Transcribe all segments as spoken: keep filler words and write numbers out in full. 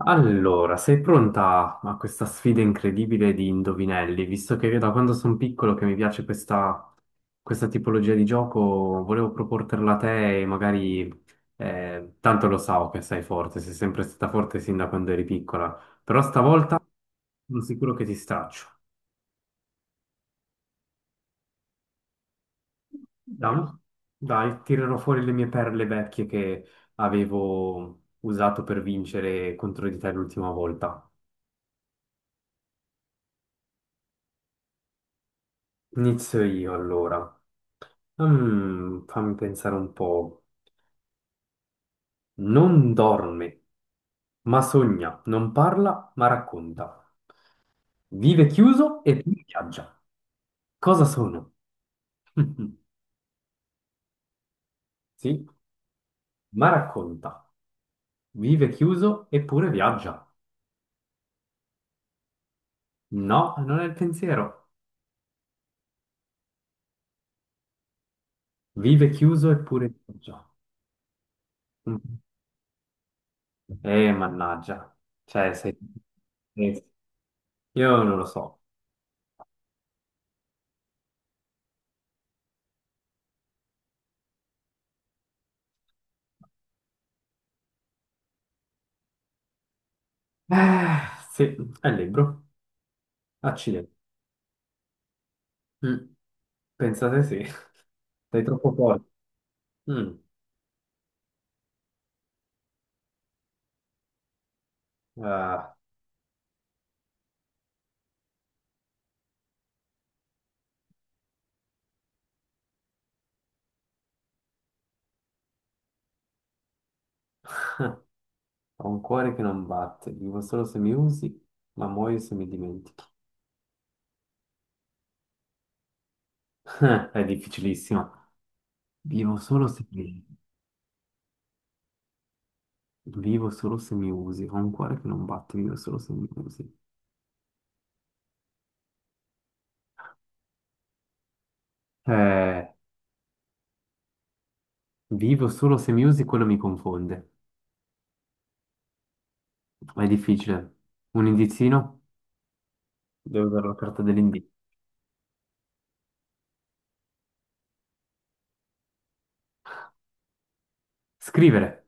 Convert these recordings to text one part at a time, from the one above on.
Allora, sei pronta a questa sfida incredibile di indovinelli? Visto che da quando sono piccolo che mi piace questa, questa tipologia di gioco, volevo proporterla a te e magari, eh, tanto lo so che sei forte, sei sempre stata forte sin da quando eri piccola, però stavolta sono sicuro che ti straccio. Dai, dai, tirerò fuori le mie perle vecchie che avevo usato per vincere contro di te l'ultima volta. Inizio io allora. Mm, fammi pensare un po'. Non dorme, ma sogna, non parla, ma racconta. Vive chiuso e poi viaggia. Cosa sono? Sì, ma racconta. Vive chiuso eppure viaggia. No, non è il pensiero. Vive chiuso eppure viaggia. Mm. Eh, mannaggia. Cioè, sei... eh, Io non lo so. Eh, sì, è il libro. Accidenti. Mm, pensate sì, sei troppo forte. Mm, ah, ho un cuore che non batte, vivo solo se mi usi, ma muoio se mi dimentichi. È difficilissimo. Vivo solo se mi, vivo solo se mi usi, ho un cuore che non batte, vivo solo se mi usi. Eh, vivo solo se mi usi, quello mi confonde. È difficile. Un indizino? Devo usare la carta dell'indizio. Scrivere?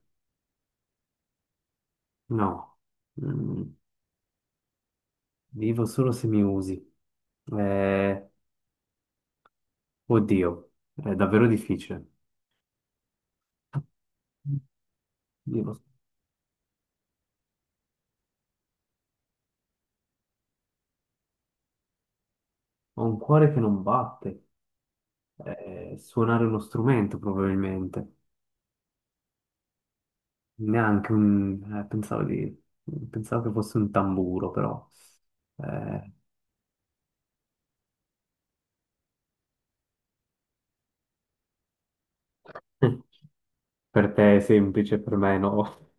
No. Mm, vivo solo se mi usi. Eh, Oddio, è davvero difficile. Io lo- so. Ho un cuore che non batte. Eh, suonare uno strumento probabilmente. Neanche un... eh, pensavo di... pensavo che fosse un tamburo, però... eh, per te è semplice, per me no.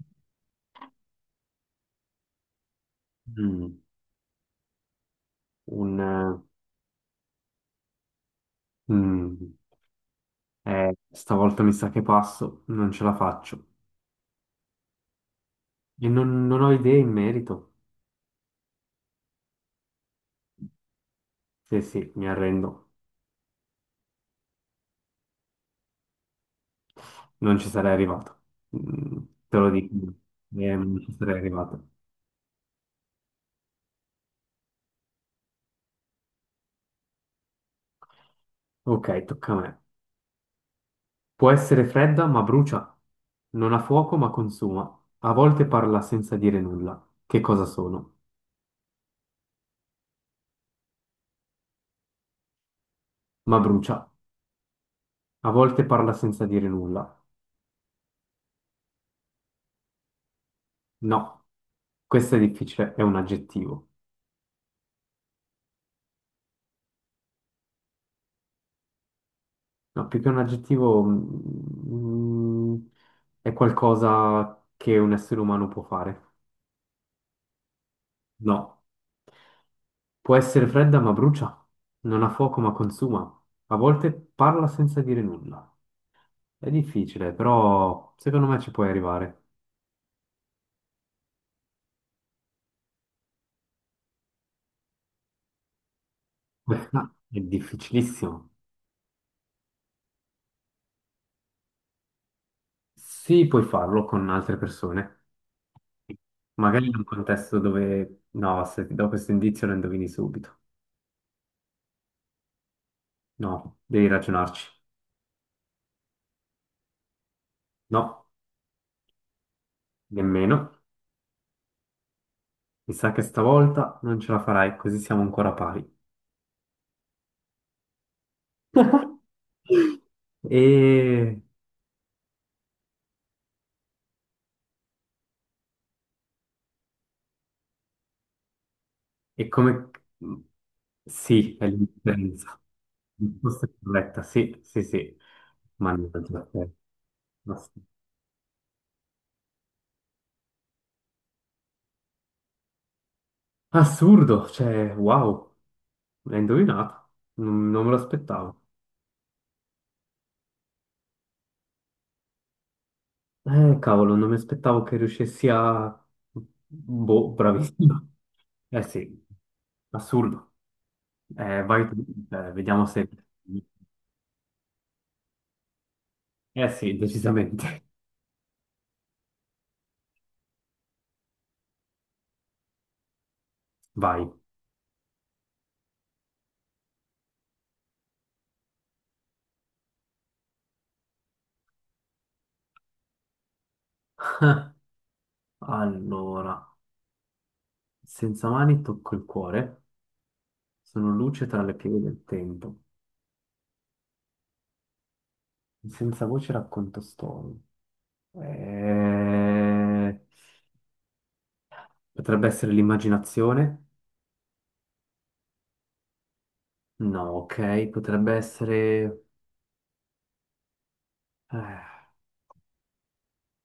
Mm, un, eh, mm, eh, stavolta mi sa che passo, non ce la faccio. E non, non ho idee in merito. Sì, sì, mi arrendo. Non ci sarei arrivato. Mm, te lo dico, eh, non ci sarei arrivato. Ok, tocca a me. Può essere fredda ma brucia, non ha fuoco ma consuma, a volte parla senza dire nulla. Che cosa sono? Ma brucia, a volte parla senza dire nulla. No, questo è difficile, è un aggettivo. No, più che un aggettivo, mm, mm, è qualcosa che un essere umano può fare. No. Può essere fredda ma brucia, non ha fuoco ma consuma, a volte parla senza dire nulla. È difficile, però secondo me ci puoi arrivare. Questa è difficilissimo. Sì, puoi farlo con altre persone, magari in un contesto dove... No, se ti do questo indizio lo indovini subito. No, devi ragionarci. No, nemmeno. Mi sa che stavolta non ce la farai, così siamo ancora pari. E e come... Sì, è l'indipendenza. Risposta corretta, sì, sì, sì. Mannaggia, eh. Ass- Assurdo, cioè, wow, l'hai indovinato. Non, non me lo aspettavo. Eh, cavolo, non mi aspettavo che riuscissi a... Boh, bravissimo. Eh sì, assurdo. Eh, vai tu, eh, vediamo se... Eh sì, decisamente. Vai. Allora, senza mani tocco il cuore. Sono luce tra le pieghe del tempo. Senza voce racconto storie. Eh, Potrebbe essere l'immaginazione? No, ok. Potrebbe essere... eh,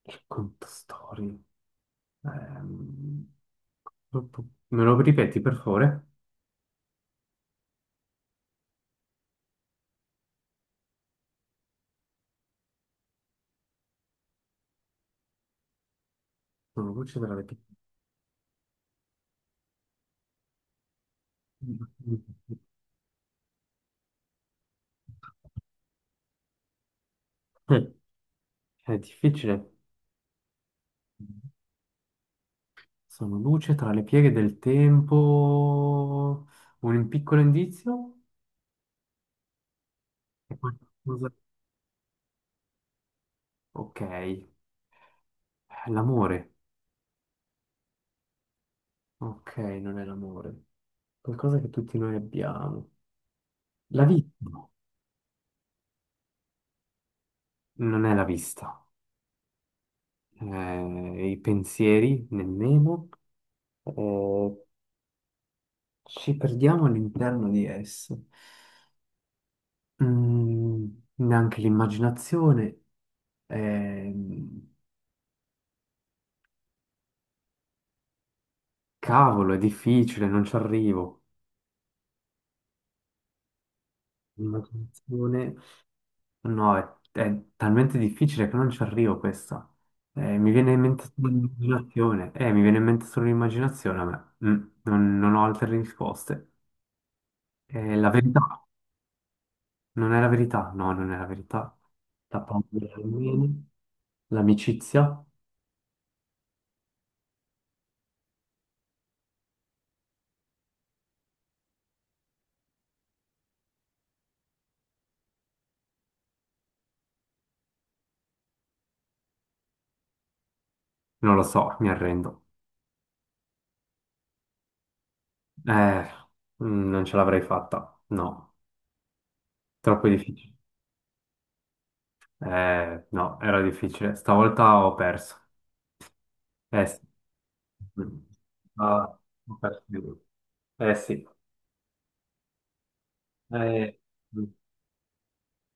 racconto storie. Ehm, pu- pu- Me lo ripeti, per favore? Sono luce tra le pieghe... Eh, è difficile. Sono luce tra le pieghe del tempo. Un piccolo indizio? È qualcosa... Ok. Eh, L'amore. Ok, non è l'amore. Qualcosa che tutti noi abbiamo. La vista. Non è la vista. Eh, i pensieri, nemmeno. Eh, ci perdiamo all'interno di esse. Mm, neanche l'immaginazione. Ehm, cavolo, è difficile, non ci arrivo. L'immaginazione. No, è, è talmente difficile che non ci arrivo questa. Eh, mi viene in mente solo l'immaginazione. Eh, mi viene in mente solo l'immaginazione a me. Mm, non, non ho altre risposte. Eh, la verità. Non è la verità. No, non è la verità. La paura non viene. L'amicizia? Non lo so, mi arrendo. Eh, mm, non ce l'avrei fatta. No, troppo difficile. Eh, no, era difficile. Stavolta ho perso. Eh sì. Mm. Ah, ho perso. Eh sì, eh,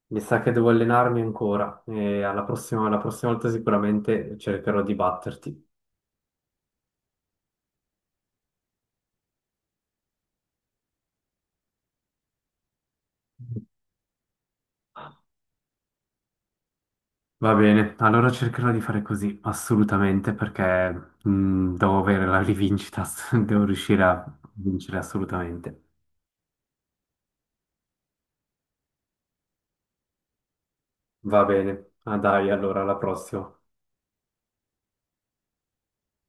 mi sa che devo allenarmi ancora e alla prossima, alla prossima volta sicuramente cercherò di batterti. Va bene, allora cercherò di fare così, assolutamente, perché mh, devo avere la rivincita, devo riuscire a vincere assolutamente. Va bene, ah, dai, allora alla prossima.